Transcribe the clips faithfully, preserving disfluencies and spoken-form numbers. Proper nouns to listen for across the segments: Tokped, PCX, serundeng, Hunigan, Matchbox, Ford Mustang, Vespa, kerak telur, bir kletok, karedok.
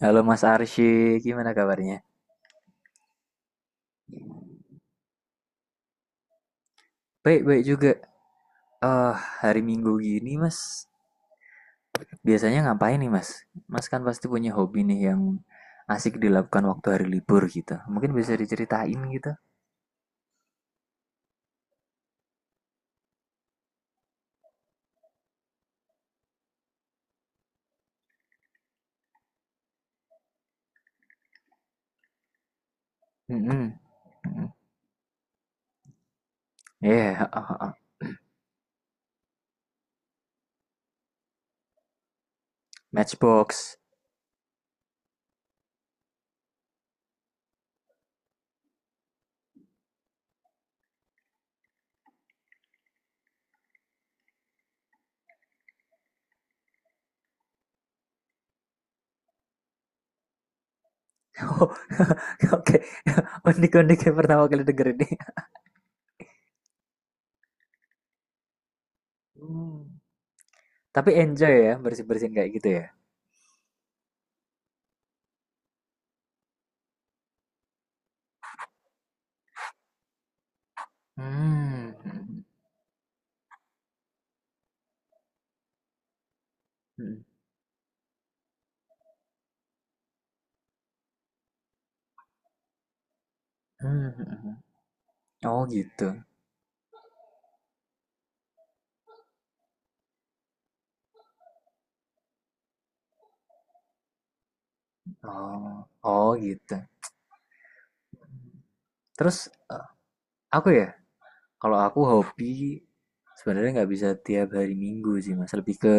Halo Mas Arsy, gimana kabarnya? Baik-baik juga. Eh, hari Minggu gini Mas, biasanya ngapain nih Mas? Mas kan pasti punya hobi nih yang asik dilakukan waktu hari libur gitu. Mungkin bisa diceritain gitu. Mm-mm. Mm-mm. Yeah, ah, ah, ah. Matchbox. Oh, oke. Unik-unik yang pertama kali denger ini. Hmm. Tapi enjoy ya bersih-bersihin kayak gitu ya. Hmm. Hmm. Hmm. hmm. Oh gitu. Oh, oh gitu. Terus, eee, aku ya, kalau aku hobi sebenarnya nggak bisa tiap hari Minggu sih, Mas, lebih ke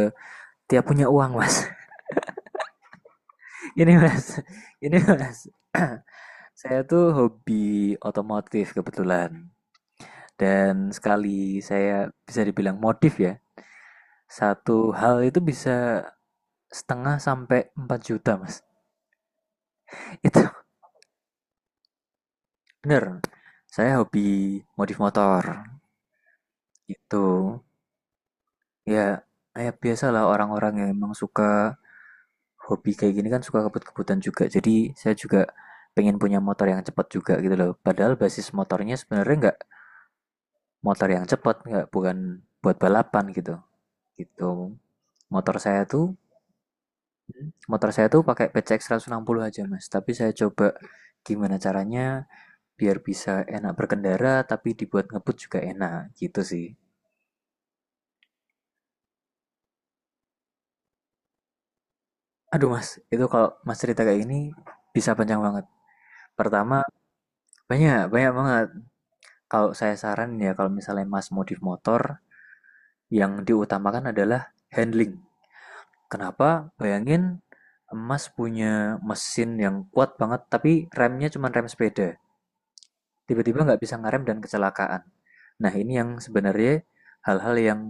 tiap punya uang, Mas. Ini Mas, ini Mas, saya tuh hobi otomotif kebetulan dan sekali saya bisa dibilang modif ya, satu hal itu bisa setengah sampai empat juta Mas. Itu bener, saya hobi modif motor, itu. Ya, ya biasalah orang-orang yang emang suka hobi kayak gini kan suka kebut-kebutan juga. Jadi saya juga pengen punya motor yang cepat juga gitu loh. Padahal basis motornya sebenarnya nggak motor yang cepat, nggak bukan buat balapan gitu. Gitu. Motor saya tuh motor saya tuh pakai P C X puluh aja mas. Tapi saya coba gimana caranya biar bisa enak berkendara tapi dibuat ngebut juga enak gitu sih. Aduh mas, itu kalau mas cerita kayak gini bisa panjang banget. Pertama banyak banyak banget. Kalau saya saran ya, kalau misalnya Mas modif motor, yang diutamakan adalah handling. Kenapa? Bayangin Mas punya mesin yang kuat banget, tapi remnya cuma rem sepeda. Tiba-tiba nggak bisa ngerem dan kecelakaan. Nah, ini yang sebenarnya hal-hal yang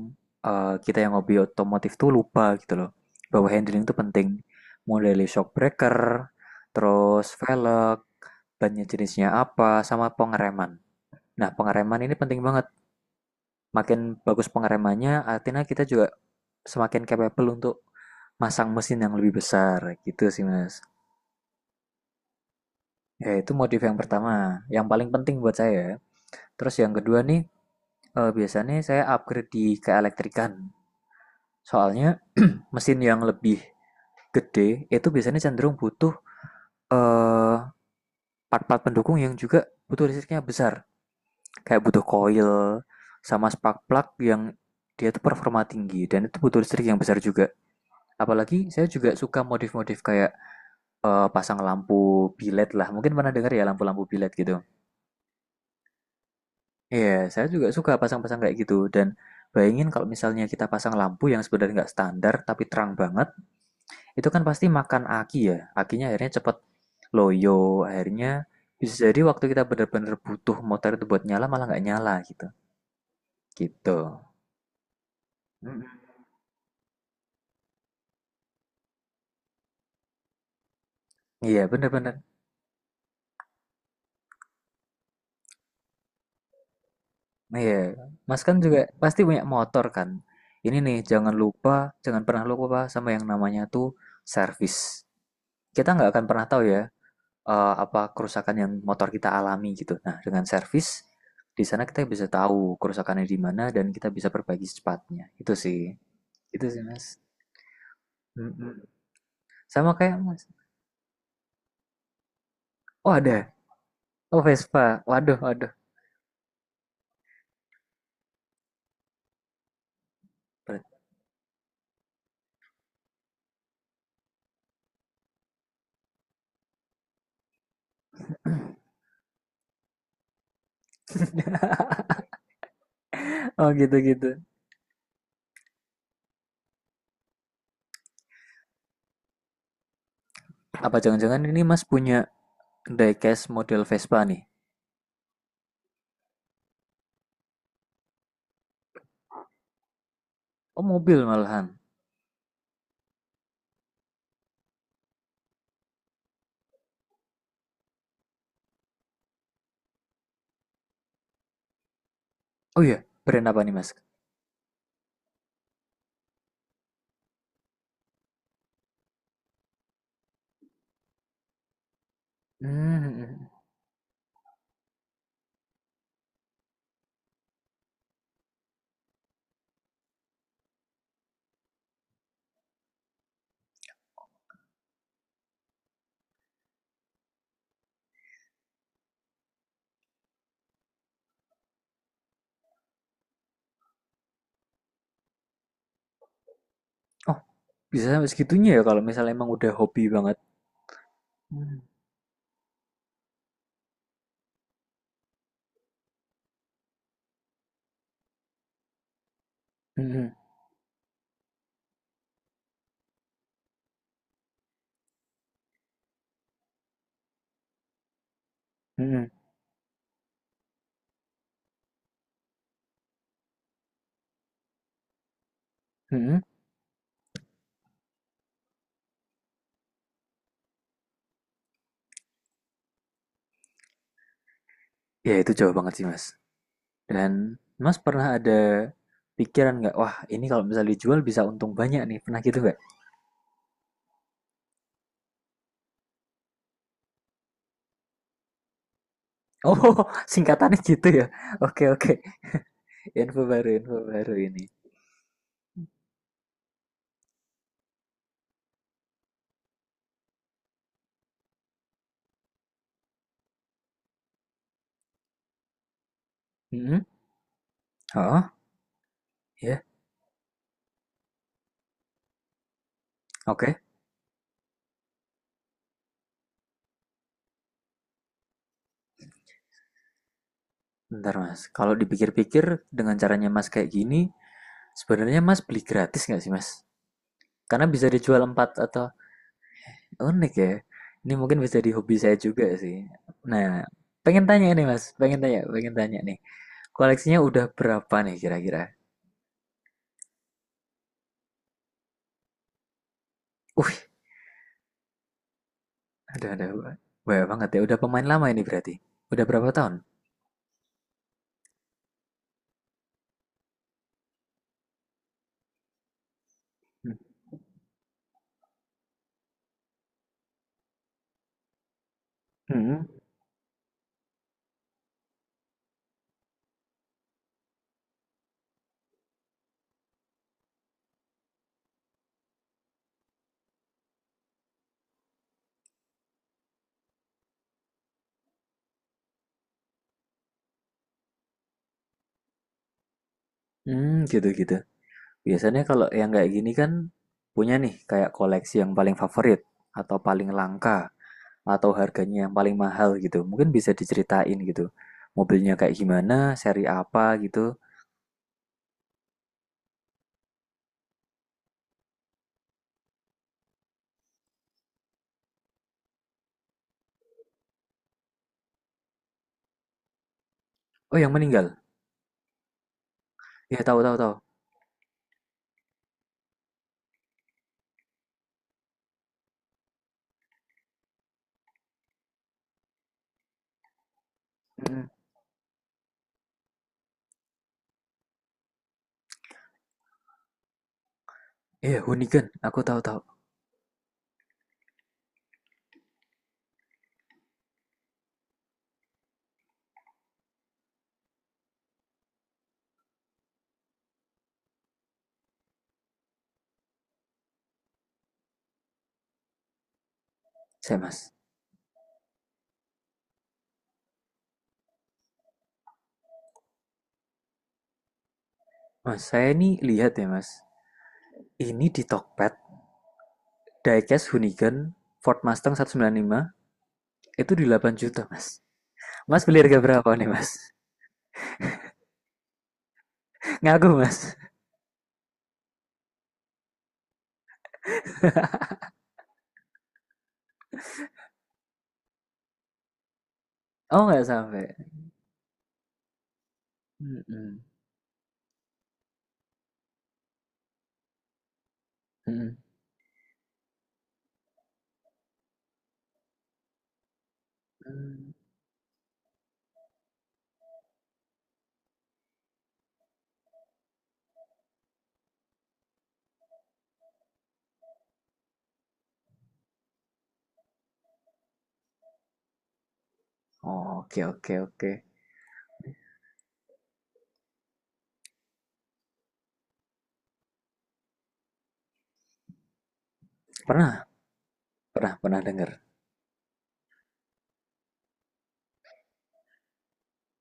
eh, kita yang hobi otomotif tuh lupa gitu loh. Bahwa handling itu penting. Mulai dari shock breaker, terus velg, bannya jenisnya apa, sama pengereman. Nah, pengereman ini penting banget. makin bagus pengeremannya, artinya kita juga semakin capable untuk masang mesin yang lebih besar gitu sih mas. Ya itu motif yang pertama, yang paling penting buat saya. Terus yang kedua nih, eh, biasanya saya upgrade di keelektrikan. Soalnya mesin yang lebih gede itu biasanya cenderung butuh eh, part-part pendukung yang juga butuh listriknya besar. Kayak butuh coil sama spark plug yang dia tuh performa tinggi dan itu butuh listrik yang besar juga. Apalagi saya juga suka modif-modif kayak eh, pasang lampu bilet lah. Mungkin pernah dengar ya lampu-lampu bilet gitu. Iya, yeah, saya juga suka pasang-pasang kayak gitu. Dan bayangin kalau misalnya kita pasang lampu yang sebenarnya nggak standar tapi terang banget, itu kan pasti makan aki ya. Akinya akhirnya cepet loyo, akhirnya bisa jadi waktu kita benar-benar butuh motor itu buat nyala malah nggak nyala gitu. Gitu. Mm. Iya, benar bener. Nah, Iya, Mas kan juga pasti punya motor kan. Ini nih, jangan lupa, jangan pernah lupa sama yang namanya tuh servis. Kita nggak akan pernah tahu ya eh, apa kerusakan yang motor kita alami gitu. Nah, dengan servis di sana kita bisa tahu kerusakannya di mana dan kita bisa perbaiki secepatnya. Itu sih, itu sih Mas. Mm-mm. Sama kayak Mas. Oh ada, oh Vespa. Waduh, waduh. Berat. Oh gitu-gitu. Apa jangan-jangan ini Mas punya diecast model Vespa nih? Oh mobil malahan. Oh iya, brand apa nih Mas? Mmm, oh, bisa sampai segitunya ya kalau misalnya emang udah hobi banget. Mmm, mhm, mhm, mhm, ya itu jauh banget sih Mas. Dan Mas pernah ada pikiran nggak, "Wah ini kalau misalnya dijual bisa untung banyak nih," pernah gitu nggak? Oh singkatannya gitu ya? Oke oke, info baru info baru ini. Mhm, heeh, iya, oke. Bentar Mas, kalau dipikir-pikir dengan caranya Mas kayak gini, sebenarnya Mas beli gratis nggak sih Mas? Karena bisa dijual empat atau. Unik ya. Ini mungkin bisa di hobi saya juga sih. Nah, pengen tanya nih Mas, pengen tanya, pengen tanya nih. Koleksinya udah berapa nih kira-kira? Wih, ada ada banyak banget ya. Udah pemain lama ini berarti. Udah berapa tahun? Hmm, hmm, hmm, gitu-gitu. Biasanya kalau yang kayak gini kan punya nih kayak koleksi yang paling favorit atau paling langka atau harganya yang paling mahal gitu. Mungkin bisa diceritain gitu. Mobilnya kayak gimana, seri apa gitu. Oh, yang meninggal. Ya, tahu tahu tahu. Mhm. Iya, Hunigan. Aku tahu-tahu. Saya, Mas. Mas, saya ini lihat ya, Mas. Ini di Tokped, diecast Hunigan Ford Mustang seratus sembilan puluh lima itu di delapan juta, Mas. Mas beli harga berapa nih, Mas? Ngaku, Mas. Oh, nggak sampai. Mm-mm. Mm-mm. Mm. Oh, Oke, oke, oke. Pernah, pernah, pernah dengar.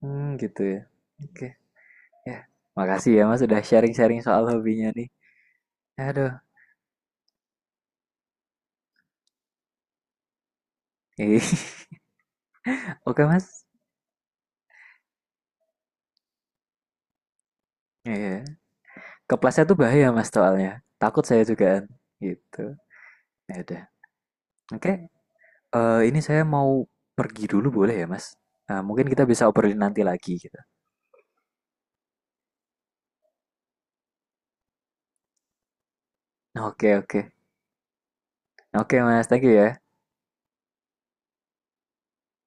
Hmm, gitu ya. Oke, ya. Makasih ya, Mas, sudah sharing-sharing soal hobinya nih. Aduh. Oke, Mas. Iya. Kepleset tuh bahaya Mas soalnya. Takut saya juga kan. Gitu. Ya udah. Oke. Eh ini saya mau pergi dulu boleh ya Mas? Nah, mungkin kita bisa obrolin nanti lagi gitu. Nah, Oke, okay, oke. Okay. Oke okay, Mas, thank you ya.